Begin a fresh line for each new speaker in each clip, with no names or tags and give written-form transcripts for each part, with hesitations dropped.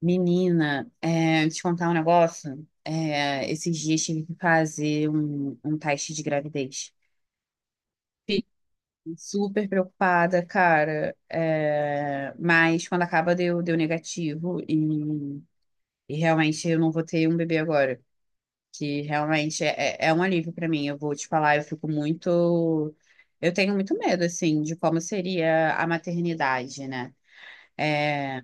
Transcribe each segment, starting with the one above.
Menina, te contar um negócio. Esses dias tive que fazer um teste de gravidez. Super preocupada, cara. Mas quando acaba deu negativo e realmente eu não vou ter um bebê agora. Que realmente é um alívio pra mim. Eu vou te falar, eu fico muito. Eu tenho muito medo, assim, de como seria a maternidade, né? É,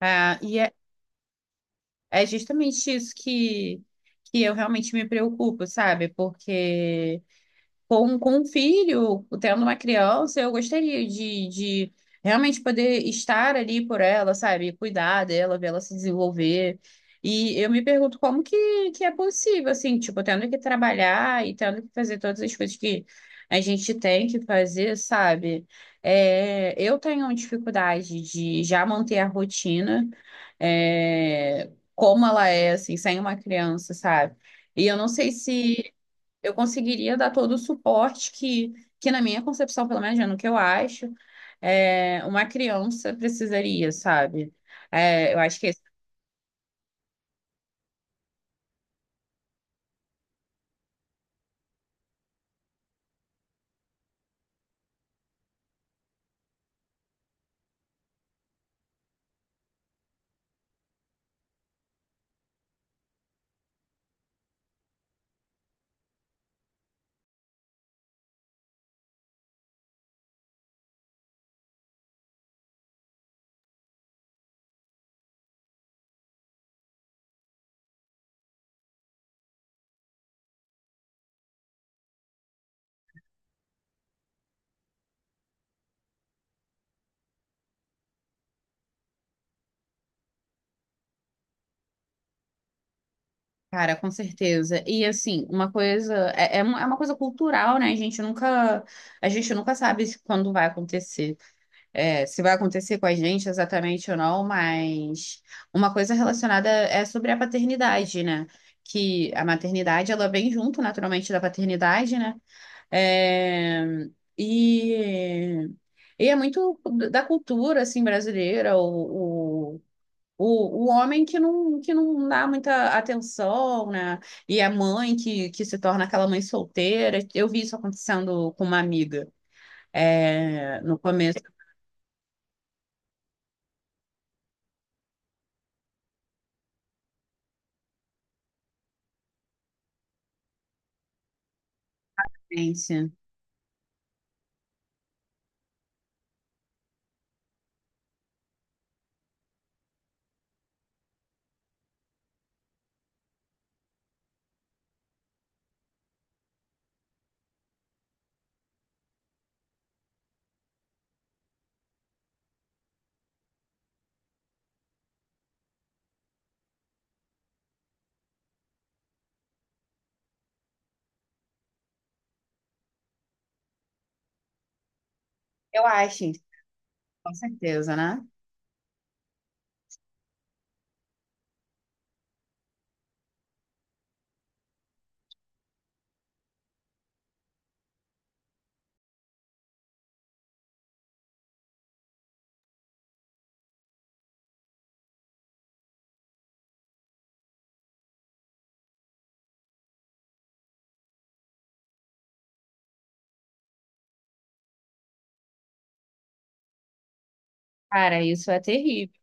é, e É justamente isso que eu realmente me preocupo, sabe? Porque com um filho, tendo uma criança, eu gostaria de realmente poder estar ali por ela, sabe? Cuidar dela, ver ela se desenvolver. E eu me pergunto como que é possível, assim, tipo, tendo que trabalhar e tendo que fazer todas as coisas que a gente tem que fazer, sabe? Eu tenho dificuldade de já manter a rotina, como ela é, assim, sem uma criança, sabe? E eu não sei se eu conseguiria dar todo o suporte que na minha concepção, pelo menos né, no que eu acho, uma criança precisaria, sabe? É, eu acho que esse cara, com certeza. E assim, uma coisa é uma coisa cultural, né? A gente nunca sabe quando vai acontecer, se vai acontecer com a gente exatamente ou não, mas uma coisa relacionada é sobre a paternidade, né? Que a maternidade ela vem junto naturalmente da paternidade, né? É, e, e é muito da cultura assim brasileira, o homem que não dá muita atenção, né? E a mãe que se torna aquela mãe solteira. Eu vi isso acontecendo com uma amiga no começo da experiência. Eu acho, com certeza, né? Cara, isso é terrível.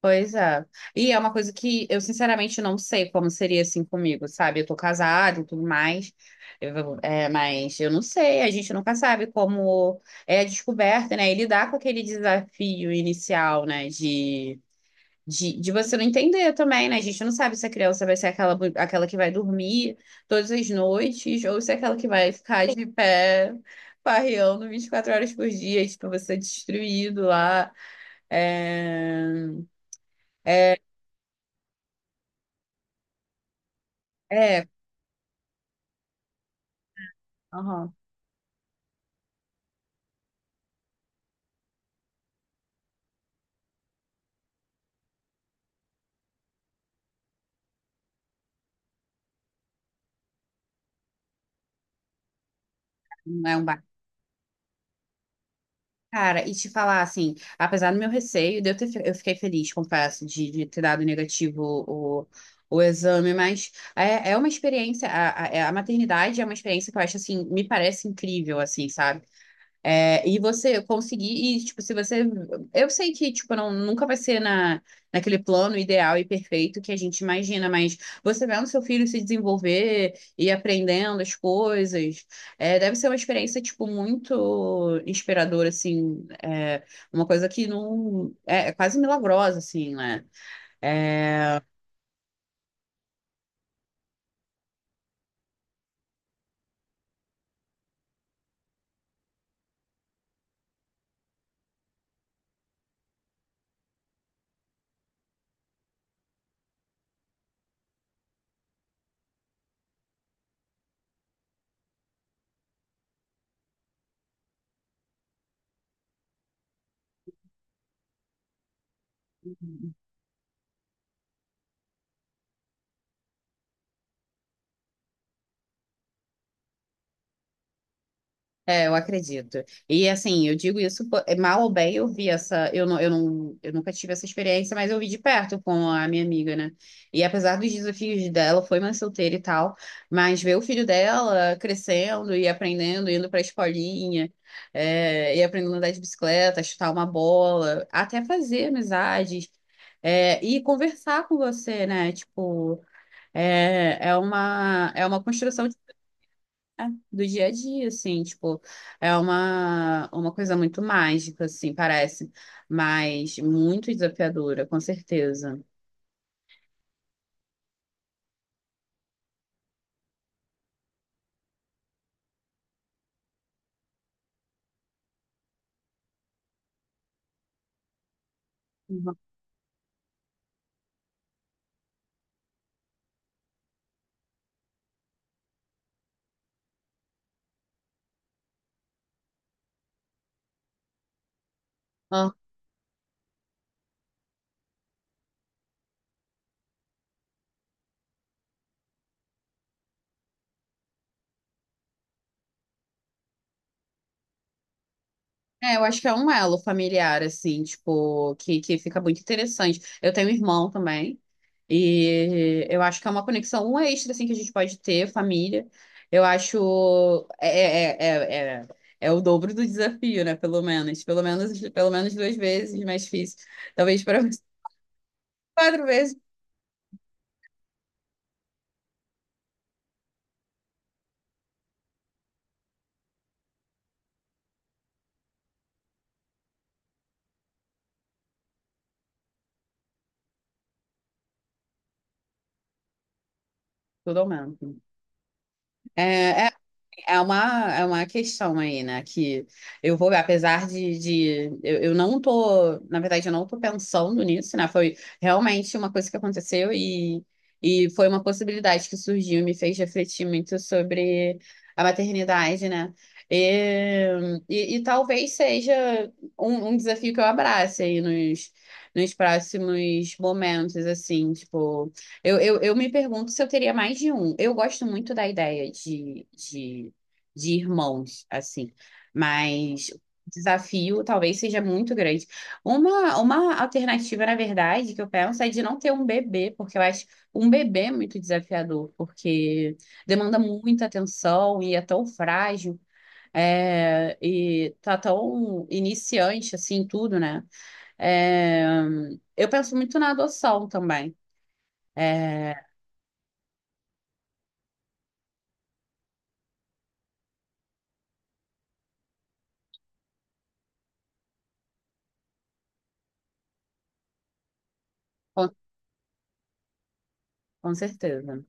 Pois é. E é uma coisa que eu sinceramente não sei como seria assim comigo, sabe? Eu tô casada e tudo mais, mas eu não sei, a gente nunca sabe como é a descoberta, né? E lidar com aquele desafio inicial, né? De você não entender também, né? A gente não sabe se a criança vai ser aquela que vai dormir todas as noites ou se é aquela que vai ficar de pé, farreando 24 horas por dia, tipo, você destruído lá. É... é, É, aham, não é um bar. Cara, e te falar assim, apesar do meu receio, de eu, ter, fe- eu fiquei feliz, confesso, de ter dado negativo o exame, mas é uma experiência, a maternidade é uma experiência que eu acho assim, me parece incrível, assim, sabe? E você conseguir, e, tipo, se você. Eu sei que, tipo, não, nunca vai ser naquele plano ideal e perfeito que a gente imagina, mas você vendo seu filho se desenvolver e aprendendo as coisas, deve ser uma experiência, tipo, muito inspiradora, assim. Uma coisa que não. É, é quase milagrosa, assim, né? É, eu acredito. E assim, eu digo isso, pô, é, mal ou bem, eu vi essa, eu não, eu não, eu nunca tive essa experiência, mas eu vi de perto com a minha amiga, né? E apesar dos desafios dela, foi mãe solteira e tal, mas ver o filho dela crescendo e aprendendo, indo pra escolinha, e aprendendo a andar de bicicleta, chutar uma bola, até fazer amizades, e conversar com você, né? Tipo, é uma construção do dia a dia, assim, tipo, uma coisa muito mágica, assim, parece, mas muito desafiadora, com certeza. Uhum. Ah, é, eu acho que é um elo familiar, assim, tipo, que fica muito interessante. Eu tenho um irmão também, e eu acho que é uma conexão um extra, assim, que a gente pode ter, família. Eu acho. É o dobro do desafio, né? Pelo menos. Pelo menos duas vezes mais difícil. Talvez para quatro vezes. Tudo aumenta. É, É uma, é uma questão aí, né? Que eu vou, apesar de eu não tô, na verdade, eu não tô pensando nisso, né? Foi realmente uma coisa que aconteceu e foi uma possibilidade que surgiu e me fez refletir muito sobre a maternidade, né? E talvez seja um desafio que eu abrace aí nos próximos momentos, assim, tipo. Eu me pergunto se eu teria mais de um. Eu gosto muito da ideia de irmãos, assim. Mas o desafio talvez seja muito grande. Uma alternativa, na verdade, que eu penso é de não ter um bebê, porque eu acho um bebê muito desafiador, porque demanda muita atenção e é tão frágil. E tá tão iniciante assim tudo, né? É, eu penso muito na adoção também. É, com, com certeza.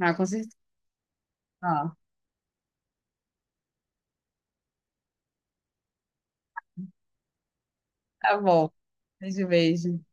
Ah, com certeza. Ah, tá bom. Beijo, beijo.